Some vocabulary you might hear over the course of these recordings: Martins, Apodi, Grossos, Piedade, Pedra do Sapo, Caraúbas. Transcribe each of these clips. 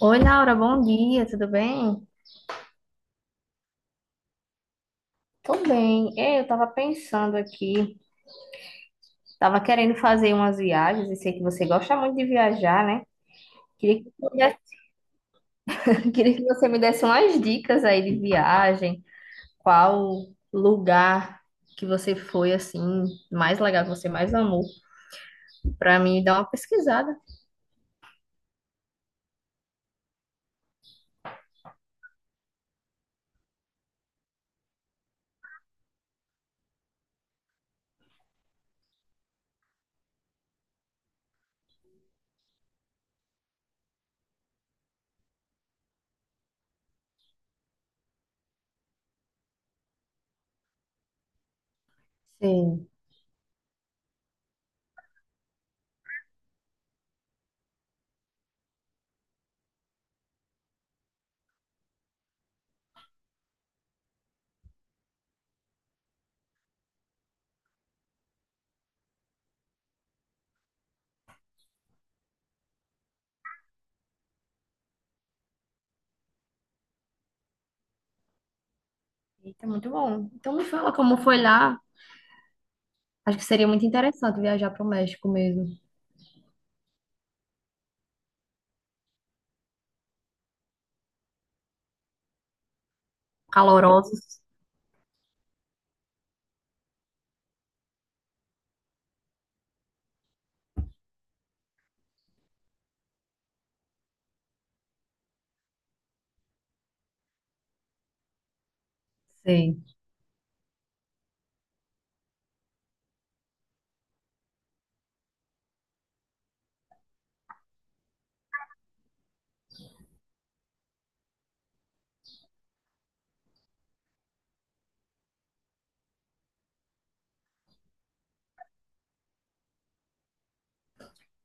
Oi, Laura, bom dia, tudo bem? Tô bem. Ei, eu tava pensando aqui, tava querendo fazer umas viagens e sei que você gosta muito de viajar, né? Queria que, você me desse- queria que você me desse umas dicas aí de viagem, qual lugar que você foi, assim, mais legal, que você mais amou, pra mim dar uma pesquisada. Sim. Eita, muito bom. Então me fala como foi lá. Acho que seria muito interessante viajar pro México mesmo. Calorosos. Sim.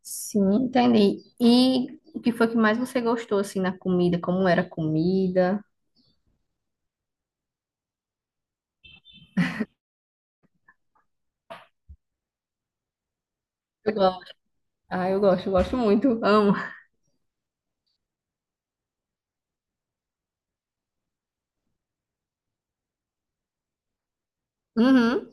Sim, entendi. E o que foi que mais você gostou, assim, na comida? Como era a comida? Eu gosto. Ah, eu gosto muito. Amo. Uhum,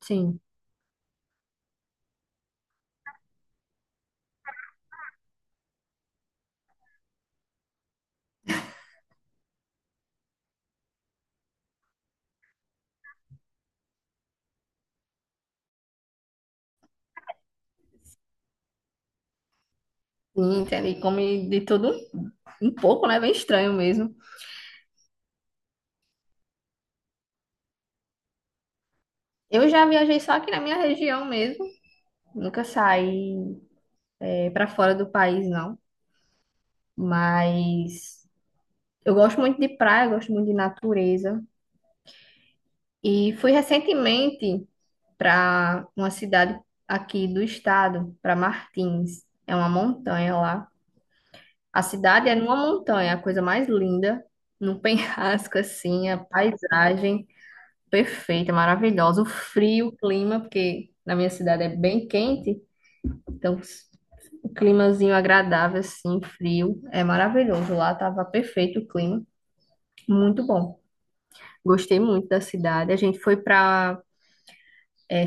sim. Sim, entendi. Come de tudo um pouco, né? Bem estranho mesmo. Eu já viajei só aqui na minha região mesmo. Nunca saí, para fora do país, não. Mas eu gosto muito de praia, eu gosto muito de natureza. E fui recentemente para uma cidade aqui do estado, para Martins. É uma montanha lá. A cidade é numa montanha, a coisa mais linda, num penhasco assim, a paisagem perfeita, maravilhosa. O frio, o clima, porque na minha cidade é bem quente, então o climazinho agradável assim, frio, é maravilhoso. Lá tava perfeito o clima, muito bom. Gostei muito da cidade. A gente foi para,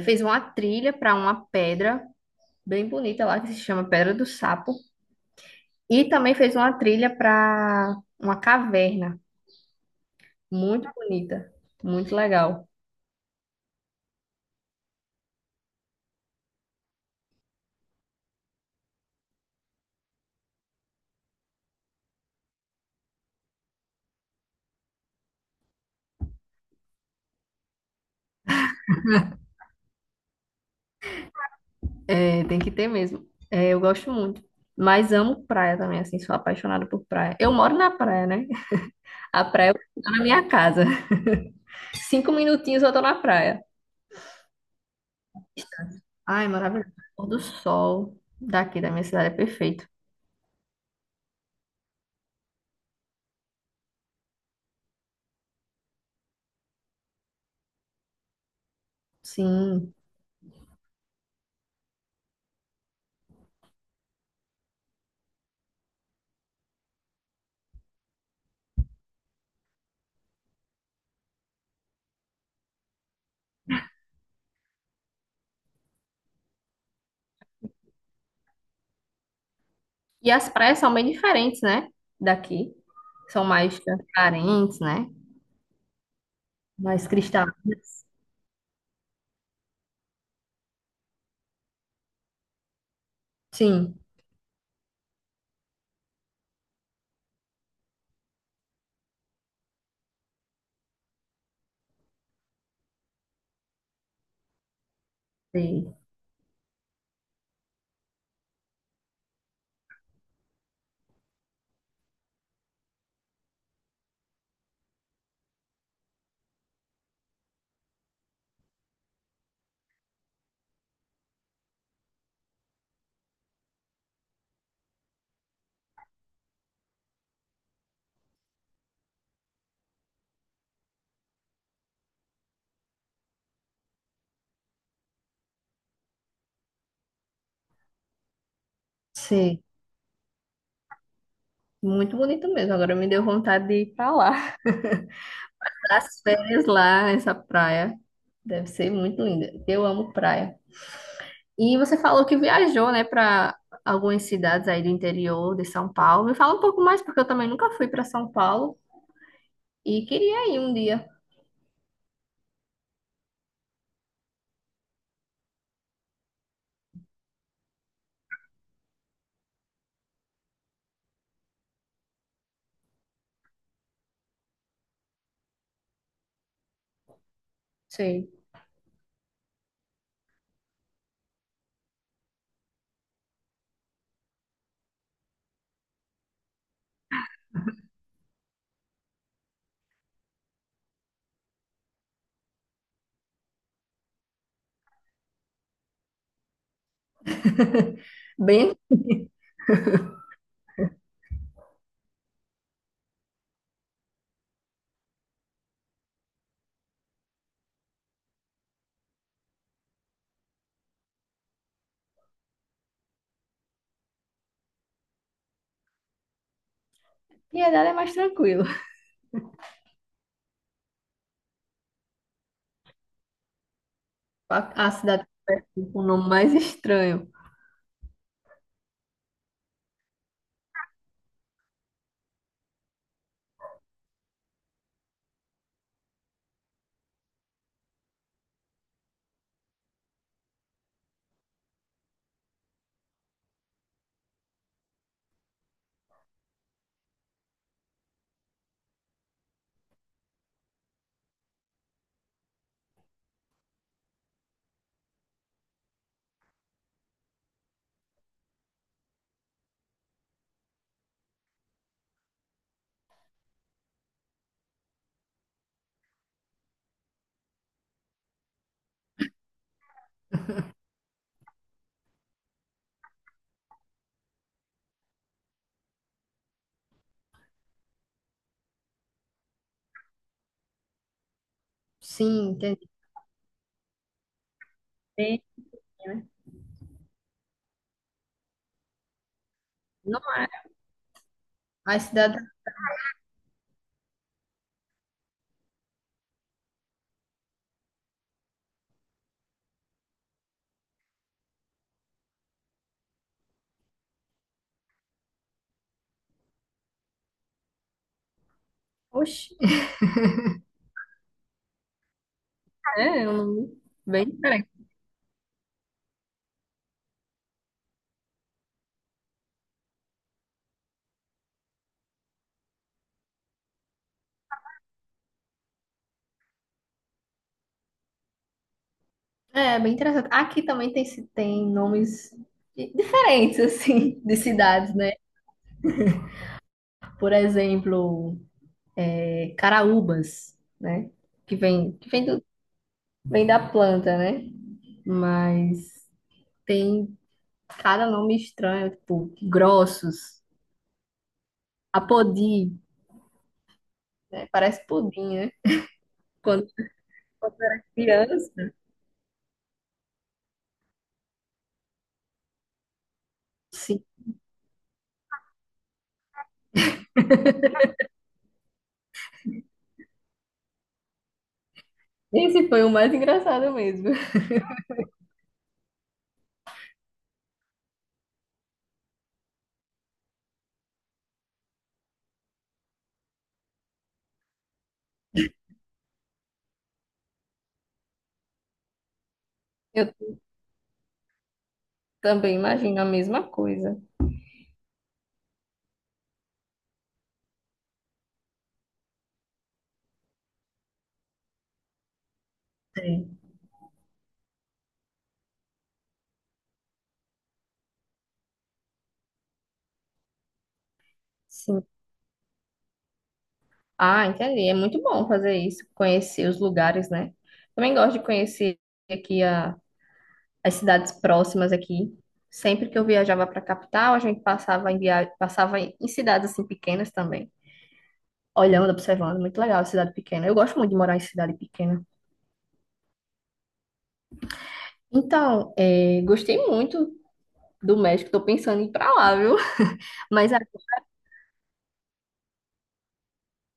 fez uma trilha para uma pedra bem bonita lá que se chama Pedra do Sapo. E também fez uma trilha para uma caverna, muito bonita, muito legal. É, tem que ter mesmo. É, eu gosto muito. Mas amo praia também, assim, sou apaixonada por praia. Eu moro na praia, né? A praia tá na minha casa. Cinco minutinhos eu tô na praia. Ai, maravilhoso. O pôr do sol daqui da minha cidade é perfeito. Sim. E as praias são bem diferentes, né? Daqui. São mais transparentes, né? Mais cristalinas. Sim, sim, sim. Muito bonito mesmo. Agora me deu vontade de ir pra lá. As férias lá, essa praia. Deve ser muito linda. Eu amo praia. E você falou que viajou, né, para algumas cidades aí do interior de São Paulo. Me fala um pouco mais, porque eu também nunca fui para São Paulo e queria ir um dia. Sim. Bem, Piedade é mais tranquilo. A cidade com o nome mais estranho. Sim, entendi. Tem, né? Não, a cidade. Oxe, é um nome bem diferente. É, bem interessante. Aqui também tem, tem nomes diferentes, assim, de cidades, né? Por exemplo, Caraúbas, né? Que vem, que vem, do, vem da planta, né? Mas tem cada nome estranho, tipo, Grossos, Apodi, né? Parece pudim, né? Quando, eu era criança. Sim. Esse foi o mais engraçado mesmo. Eu também imagino a mesma coisa. Sim. Sim. Ah, entendi. É muito bom fazer isso, conhecer os lugares, né? Também gosto de conhecer aqui as cidades próximas aqui. Sempre que eu viajava para a capital, a gente passava passava em cidades assim pequenas também, olhando, observando. Muito legal, cidade pequena. Eu gosto muito de morar em cidade pequena. Então, é, gostei muito do México. Tô pensando em ir para lá, viu? Mas ah,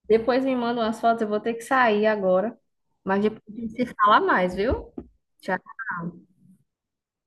depois me manda umas fotos. Eu vou ter que sair agora. Mas depois a gente se fala mais, viu? Tchau.